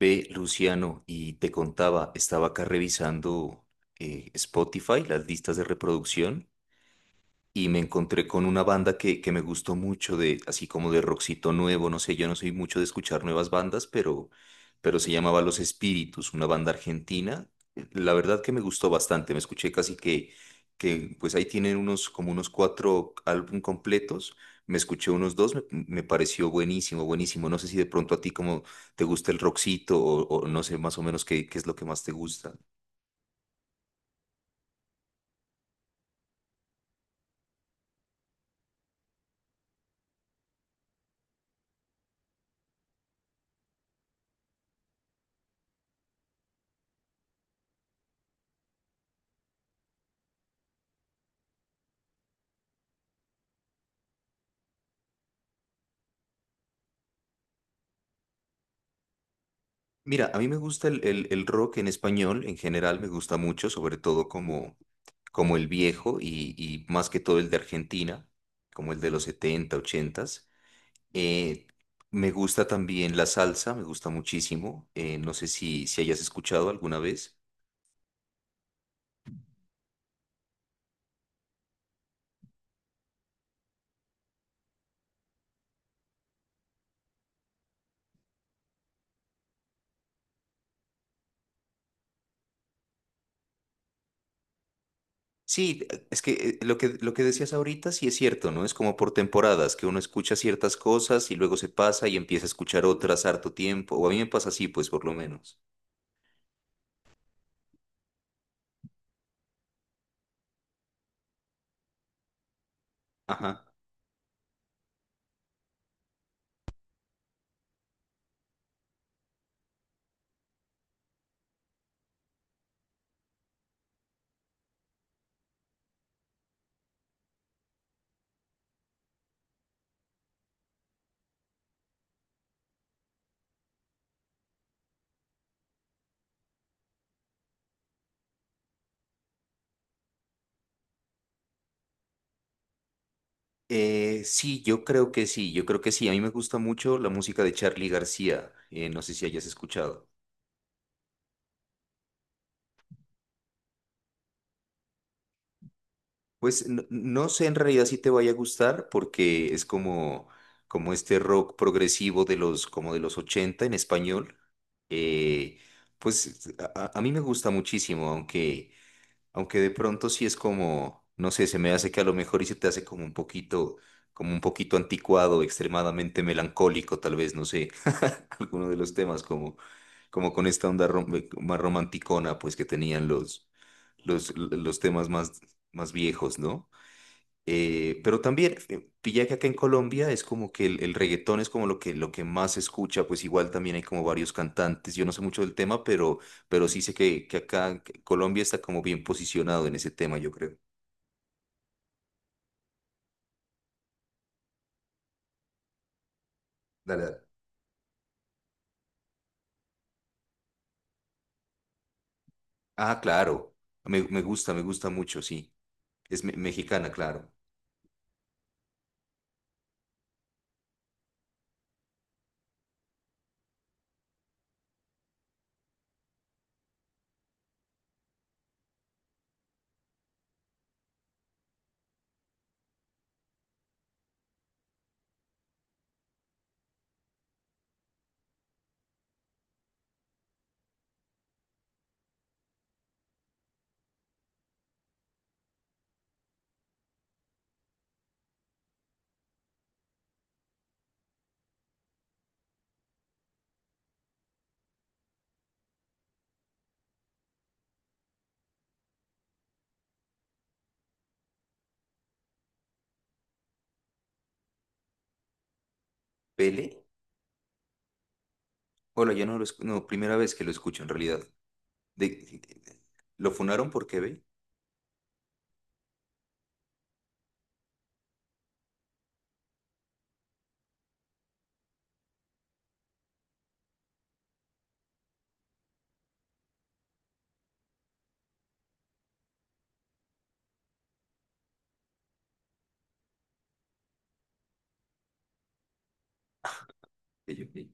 Ve, Luciano, y te contaba, estaba acá revisando Spotify, las listas de reproducción, y me encontré con una banda que me gustó mucho, de, así como de rockcito nuevo, no sé, yo no soy mucho de escuchar nuevas bandas, pero se llamaba Los Espíritus, una banda argentina. La verdad que me gustó bastante, me escuché casi que pues ahí tienen unos, como unos cuatro álbum completos, me escuché unos dos, me pareció buenísimo, buenísimo. No sé si de pronto a ti como te gusta el rockcito o no sé más o menos qué es lo que más te gusta. Mira, a mí me gusta el rock en español, en general me gusta mucho, sobre todo como el viejo y más que todo el de Argentina, como el de los setenta, 80. Eh, Me gusta también la salsa, me gusta muchísimo. No sé si hayas escuchado alguna vez. Sí, es que lo que decías ahorita sí es cierto, ¿no? Es como por temporadas, que uno escucha ciertas cosas y luego se pasa y empieza a escuchar otras harto tiempo, o a mí me pasa así, pues por lo menos. Ajá. Sí, yo creo que sí, yo creo que sí. A mí me gusta mucho la música de Charly García. No sé si hayas escuchado. Pues no, no sé en realidad si te vaya a gustar porque es como este rock progresivo como de los 80 en español. Eh, pues a mí me gusta muchísimo, aunque aunque de pronto sí es como, no sé, se me hace que a lo mejor y se te hace como un poquito anticuado, extremadamente melancólico, tal vez, no sé, alguno de los temas como con esta onda más romanticona, pues que tenían los temas más viejos, ¿no? Pero también pilla que acá en Colombia es como que el reggaetón es como lo que más se escucha, pues igual también hay como varios cantantes, yo no sé mucho del tema, pero sí sé que acá que Colombia está como bien posicionado en ese tema, yo creo. Dale, dale. Ah, claro, me gusta, me gusta mucho, sí, es mexicana, claro. ¿Pele? Hola, yo no lo escu- no, primera vez que lo escucho en realidad. De, ¿Lo funaron porque ve? Que yo- que-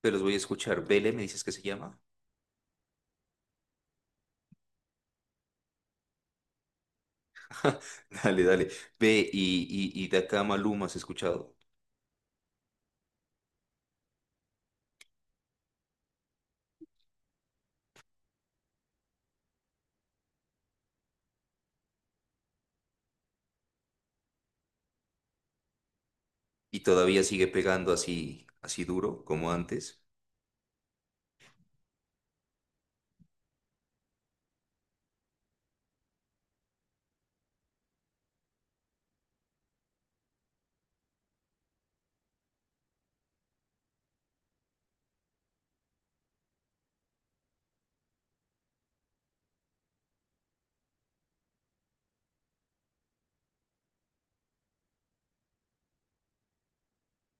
Pero los voy a escuchar. ¿Vele me dices que se llama? Dale, dale. Ve y de acá Maluma has escuchado. Y todavía sigue pegando así duro como antes.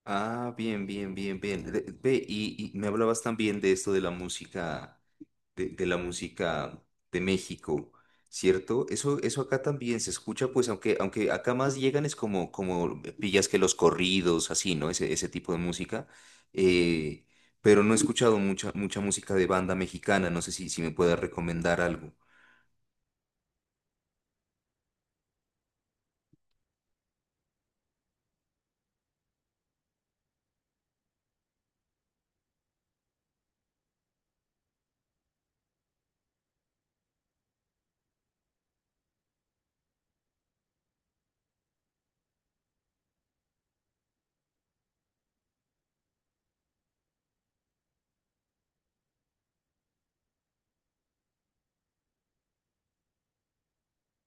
Ah, bien, bien, bien, bien. Ve y me hablabas también de esto de la música, de la música de México, ¿cierto? Eso acá también se escucha, pues, aunque acá más llegan es como pillas que los corridos, así, ¿no? Ese tipo de música. Eh, pero no he escuchado mucha, mucha música de banda mexicana. No sé si me puedas recomendar algo.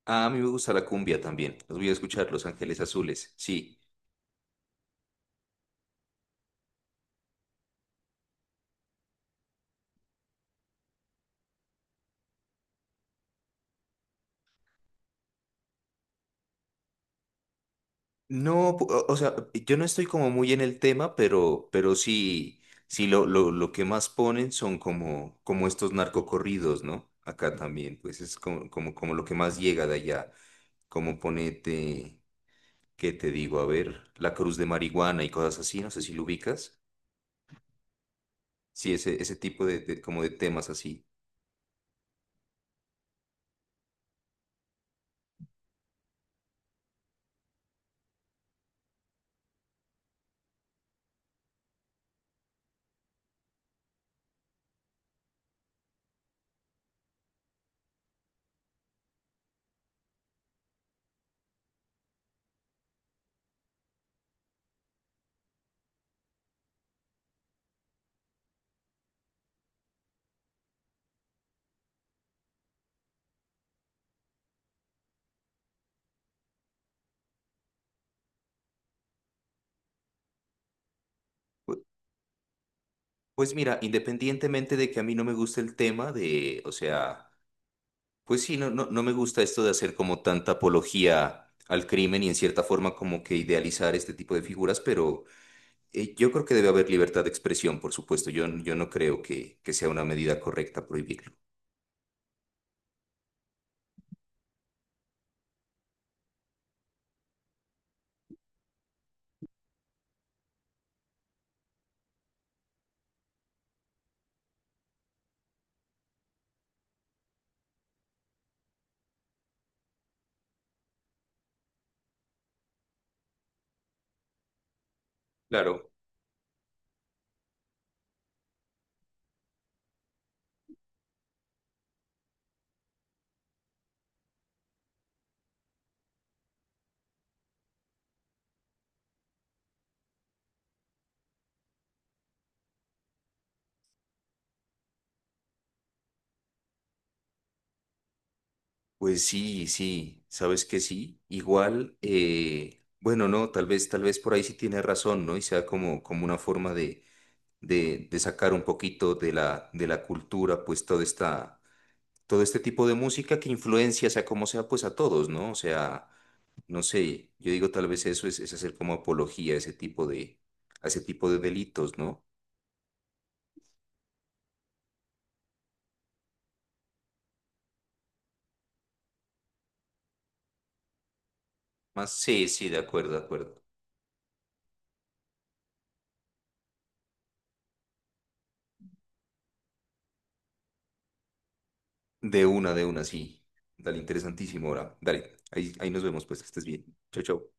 Ah, a mí me gusta la cumbia también. Los voy a escuchar, Los Ángeles Azules. Sí. No, o sea, yo no estoy como muy en el tema, pero sí, sí lo que más ponen son como estos narcocorridos, ¿no? Acá también, pues es como lo que más llega de allá. Como ponete, ¿qué te digo? A ver, La Cruz de Marihuana y cosas así, no sé si lo ubicas. Sí, ese tipo como de temas así. Pu- Pues mira, independientemente de que a mí no me guste el tema de, o sea, pues sí, no, no, no me gusta esto de hacer como tanta apología al crimen y en cierta forma como que idealizar este tipo de figuras, pero yo creo que debe haber libertad de expresión, por supuesto. Yo no creo que sea una medida correcta prohibirlo. Claro. Pues sí, sí, sabes que sí. Igual, bueno, no, tal vez por ahí sí tiene razón, ¿no? Y sea como una forma de sacar un poquito de la cultura, pues toda esta todo este tipo de música que influencia, sea como sea, pues a todos, ¿no? O sea, no sé, yo digo tal vez eso es hacer como apología a ese tipo de delitos, ¿no? Más, sí, sí, de acuerdo, de acuerdo. De una, sí. Dale, interesantísimo ahora. Dale, ahí nos vemos, pues que estés bien. Chau, chau.